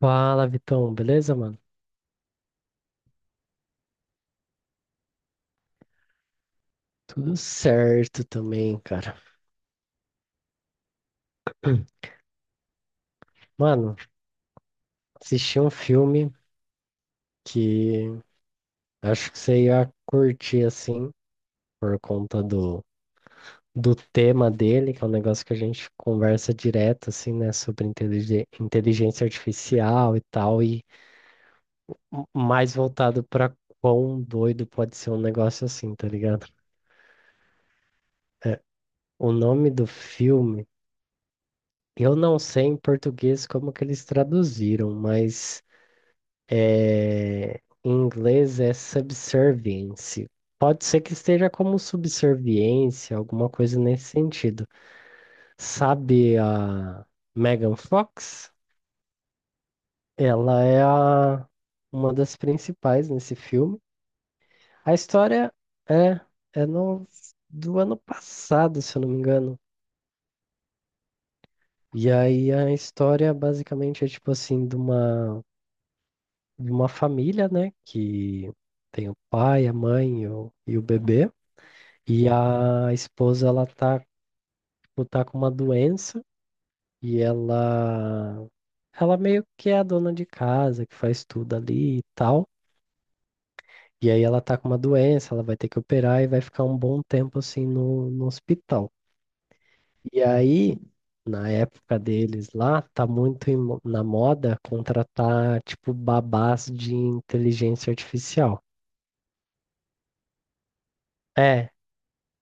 Fala, Vitão, beleza, mano? Tudo certo também, cara. Mano, assisti um filme que acho que você ia curtir assim, por conta do tema dele, que é um negócio que a gente conversa direto, assim, né, sobre inteligência artificial e tal, e mais voltado pra quão doido pode ser um negócio assim, tá ligado? O nome do filme, eu não sei em português como que eles traduziram, mas. Em inglês é subservience. Pode ser que esteja como subserviência, alguma coisa nesse sentido. Sabe a Megan Fox? Ela é a- uma das principais nesse filme. A história é, é do ano passado, se eu não me engano. E aí a história basicamente é tipo assim, de uma família, né? Que tem o pai, a mãe e o bebê. E a esposa, ela tá tipo, tá com uma doença e ela meio que é a dona de casa, que faz tudo ali e tal. E aí ela tá com uma doença, ela vai ter que operar e vai ficar um bom tempo assim no hospital. E aí, na época deles lá, tá muito em na moda contratar tipo babás de inteligência artificial. É,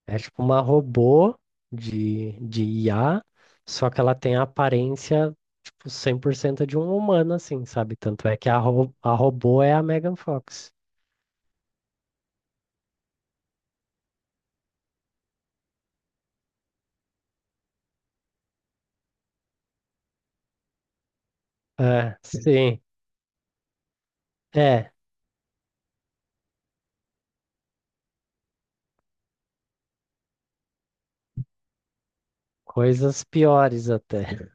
é tipo uma robô de IA, só que ela tem a aparência, tipo, 100% de um humano, assim, sabe? Tanto é que a robô é a Megan Fox. É, sim. É, coisas piores até.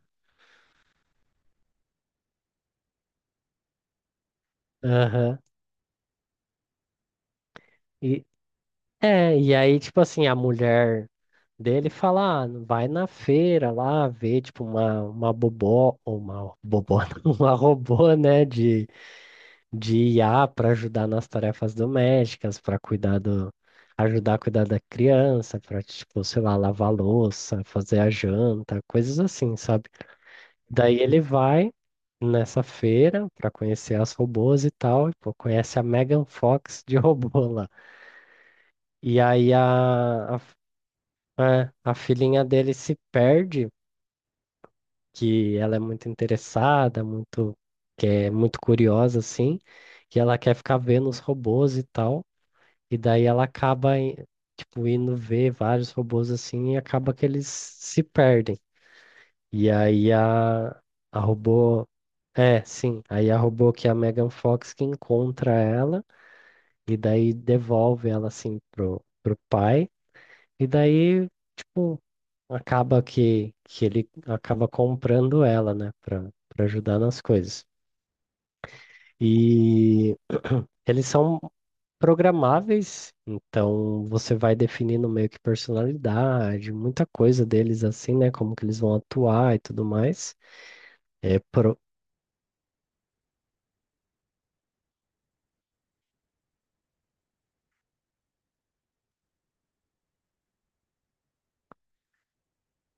Aham. E, e aí, tipo assim, a mulher dele fala, ah, vai na feira lá ver, tipo, uma bobó, uma robô, né, de IA para ajudar nas tarefas domésticas, para cuidar do, ajudar a cuidar da criança, para, tipo, sei lá, lavar a louça, fazer a janta, coisas assim, sabe? Daí ele vai nessa feira para conhecer as robôs e tal, e, pô, conhece a Megan Fox de robô lá. E aí a filhinha dele se perde, que ela é muito interessada, muito, que é muito curiosa, assim, que ela quer ficar vendo os robôs e tal. E daí ela acaba, tipo, indo ver vários robôs assim e acaba que eles se perdem. E aí a robô. É, sim. Aí a robô que é a Megan Fox que encontra ela e daí devolve ela assim pro, pro pai. E daí, tipo, acaba que ele acaba comprando ela, né, pra, pra ajudar nas coisas. E. Eles são programáveis, então você vai definindo meio que personalidade, muita coisa deles assim, né? Como que eles vão atuar e tudo mais. É pro...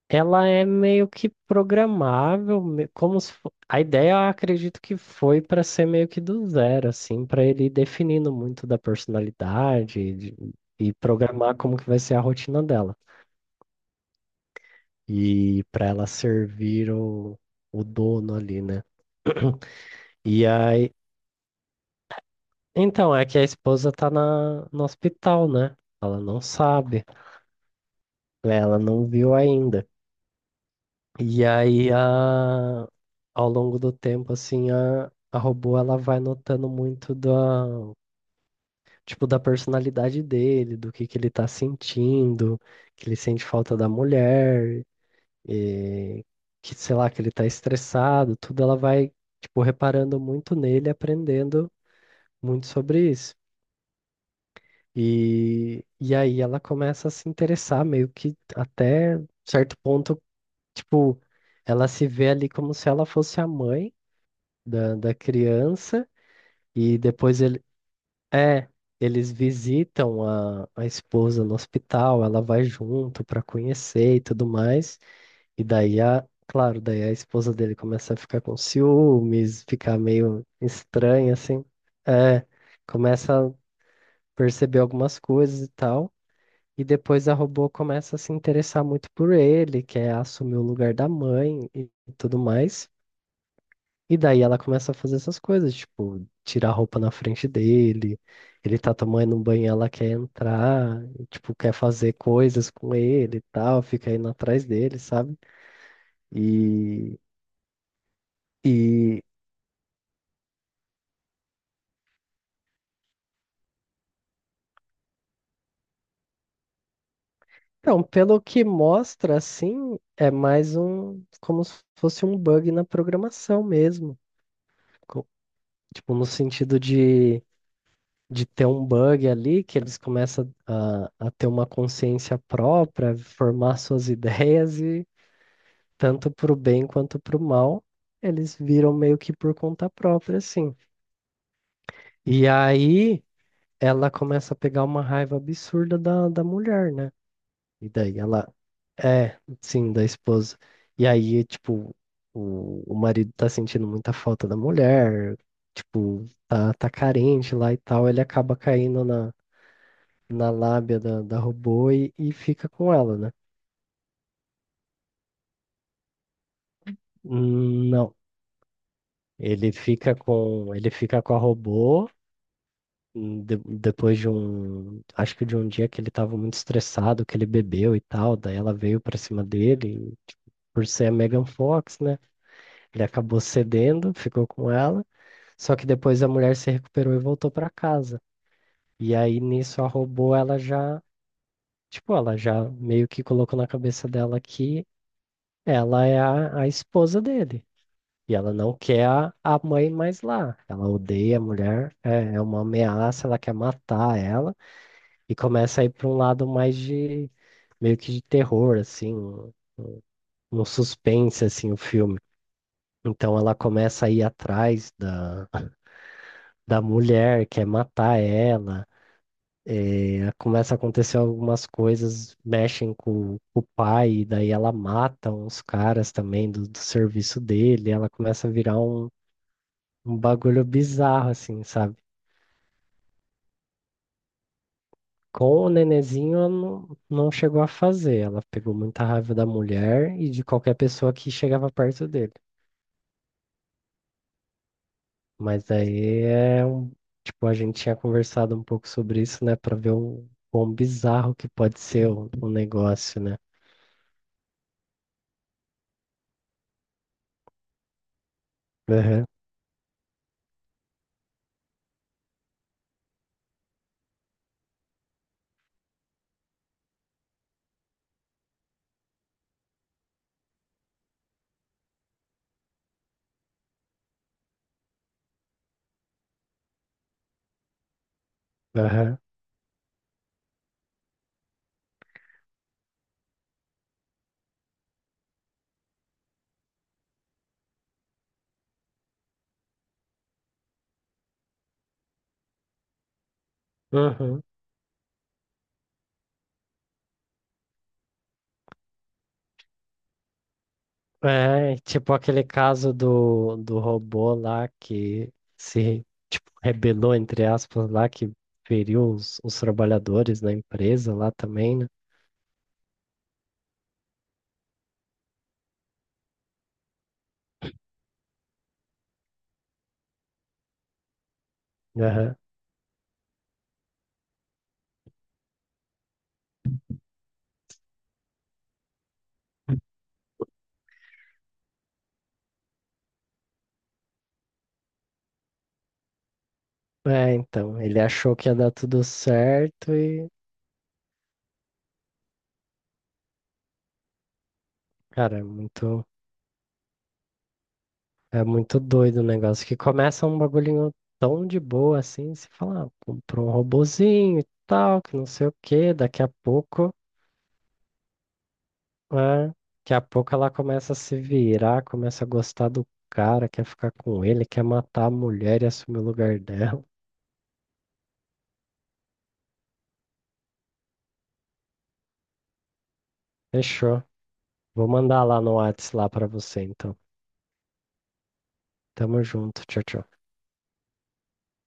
Ela é meio que programável, me- como se fo- a ideia, eu acredito que foi para ser meio que do zero, assim, para ele ir definindo muito da personalidade e programar como que vai ser a rotina dela. E para ela servir o dono ali, né? E aí então, é que a esposa tá na, no hospital, né? Ela não sabe, né? Ela não viu ainda. E aí, a, ao longo do tempo, assim, a robô, ela vai notando muito da, tipo, da personalidade dele, do que ele tá sentindo, que ele sente falta da mulher, e que, sei lá, que ele tá estressado, tudo ela vai, tipo, reparando muito nele, aprendendo muito sobre isso. E aí ela começa a se interessar, meio que até certo ponto, tipo, ela se vê ali como se ela fosse a mãe da criança, e depois é, eles visitam a esposa no hospital, ela vai junto para conhecer e tudo mais, e daí a, claro, daí a esposa dele começa a ficar com ciúmes, ficar meio estranha, assim, é, começa a perceber algumas coisas e tal. E depois a robô começa a se interessar muito por ele, quer assumir o lugar da mãe e tudo mais. E daí ela começa a fazer essas coisas, tipo, tirar a roupa na frente dele, ele tá tomando um banho, ela quer entrar, e, tipo, quer fazer coisas com ele e tal, fica indo atrás dele, sabe? E, e então, pelo que mostra, assim, é mais um, como se fosse um bug na programação mesmo. Co- Tipo, no sentido de ter um bug ali, que eles começam a ter uma consciência própria, formar suas ideias e tanto para o bem quanto para o mal, eles viram meio que por conta própria, assim. E aí ela começa a pegar uma raiva absurda da mulher, né? E daí ela é, sim, da esposa. E aí, tipo, o marido tá sentindo muita falta da mulher, tipo, tá carente lá e tal, ele acaba caindo na lábia da robô e fica com ela, né? Não, ele fica com a robô depois de um, acho que de um dia que ele estava muito estressado, que ele bebeu e tal, daí ela veio pra cima dele, e, tipo, por ser a Megan Fox, né? Ele acabou cedendo, ficou com ela, só que depois a mulher se recuperou e voltou pra casa. E aí nisso a robô ela já, tipo, ela já meio que colocou na cabeça dela que ela é a esposa dele. E ela não quer a mãe mais lá. Ela odeia a mulher, é, é uma ameaça, ela quer matar ela e começa a ir para um lado mais de meio que de terror, assim, um suspense assim, o filme. Então ela começa a ir atrás da mulher, quer matar ela. Eh, começa a acontecer algumas coisas, mexem com o pai, e daí ela mata uns caras também do serviço dele, ela começa a virar um, um bagulho bizarro, assim, sabe? Com o nenenzinho, ela não chegou a fazer. Ela pegou muita raiva da mulher e de qualquer pessoa que chegava perto dele. Mas daí é um. Tipo, a gente tinha conversado um pouco sobre isso, né? Pra ver o quão bizarro que pode ser o negócio, né? Aham, aham. Uhum. É, tipo aquele caso do robô lá que se, tipo, rebelou, entre aspas, lá, que feriu os trabalhadores na empresa lá também, né? É, então, ele achou que ia dar tudo certo e, cara, é muito doido o negócio. Que começa um bagulhinho tão de boa assim, você fala, ah, comprou um robozinho e tal, que não sei o quê, daqui a pouco, é, daqui a pouco ela começa a se virar, começa a gostar do cara, quer ficar com ele, quer matar a mulher e assumir o lugar dela. Fechou. Vou mandar lá no Whats lá pra você, então. Tamo junto, tchau, tchau.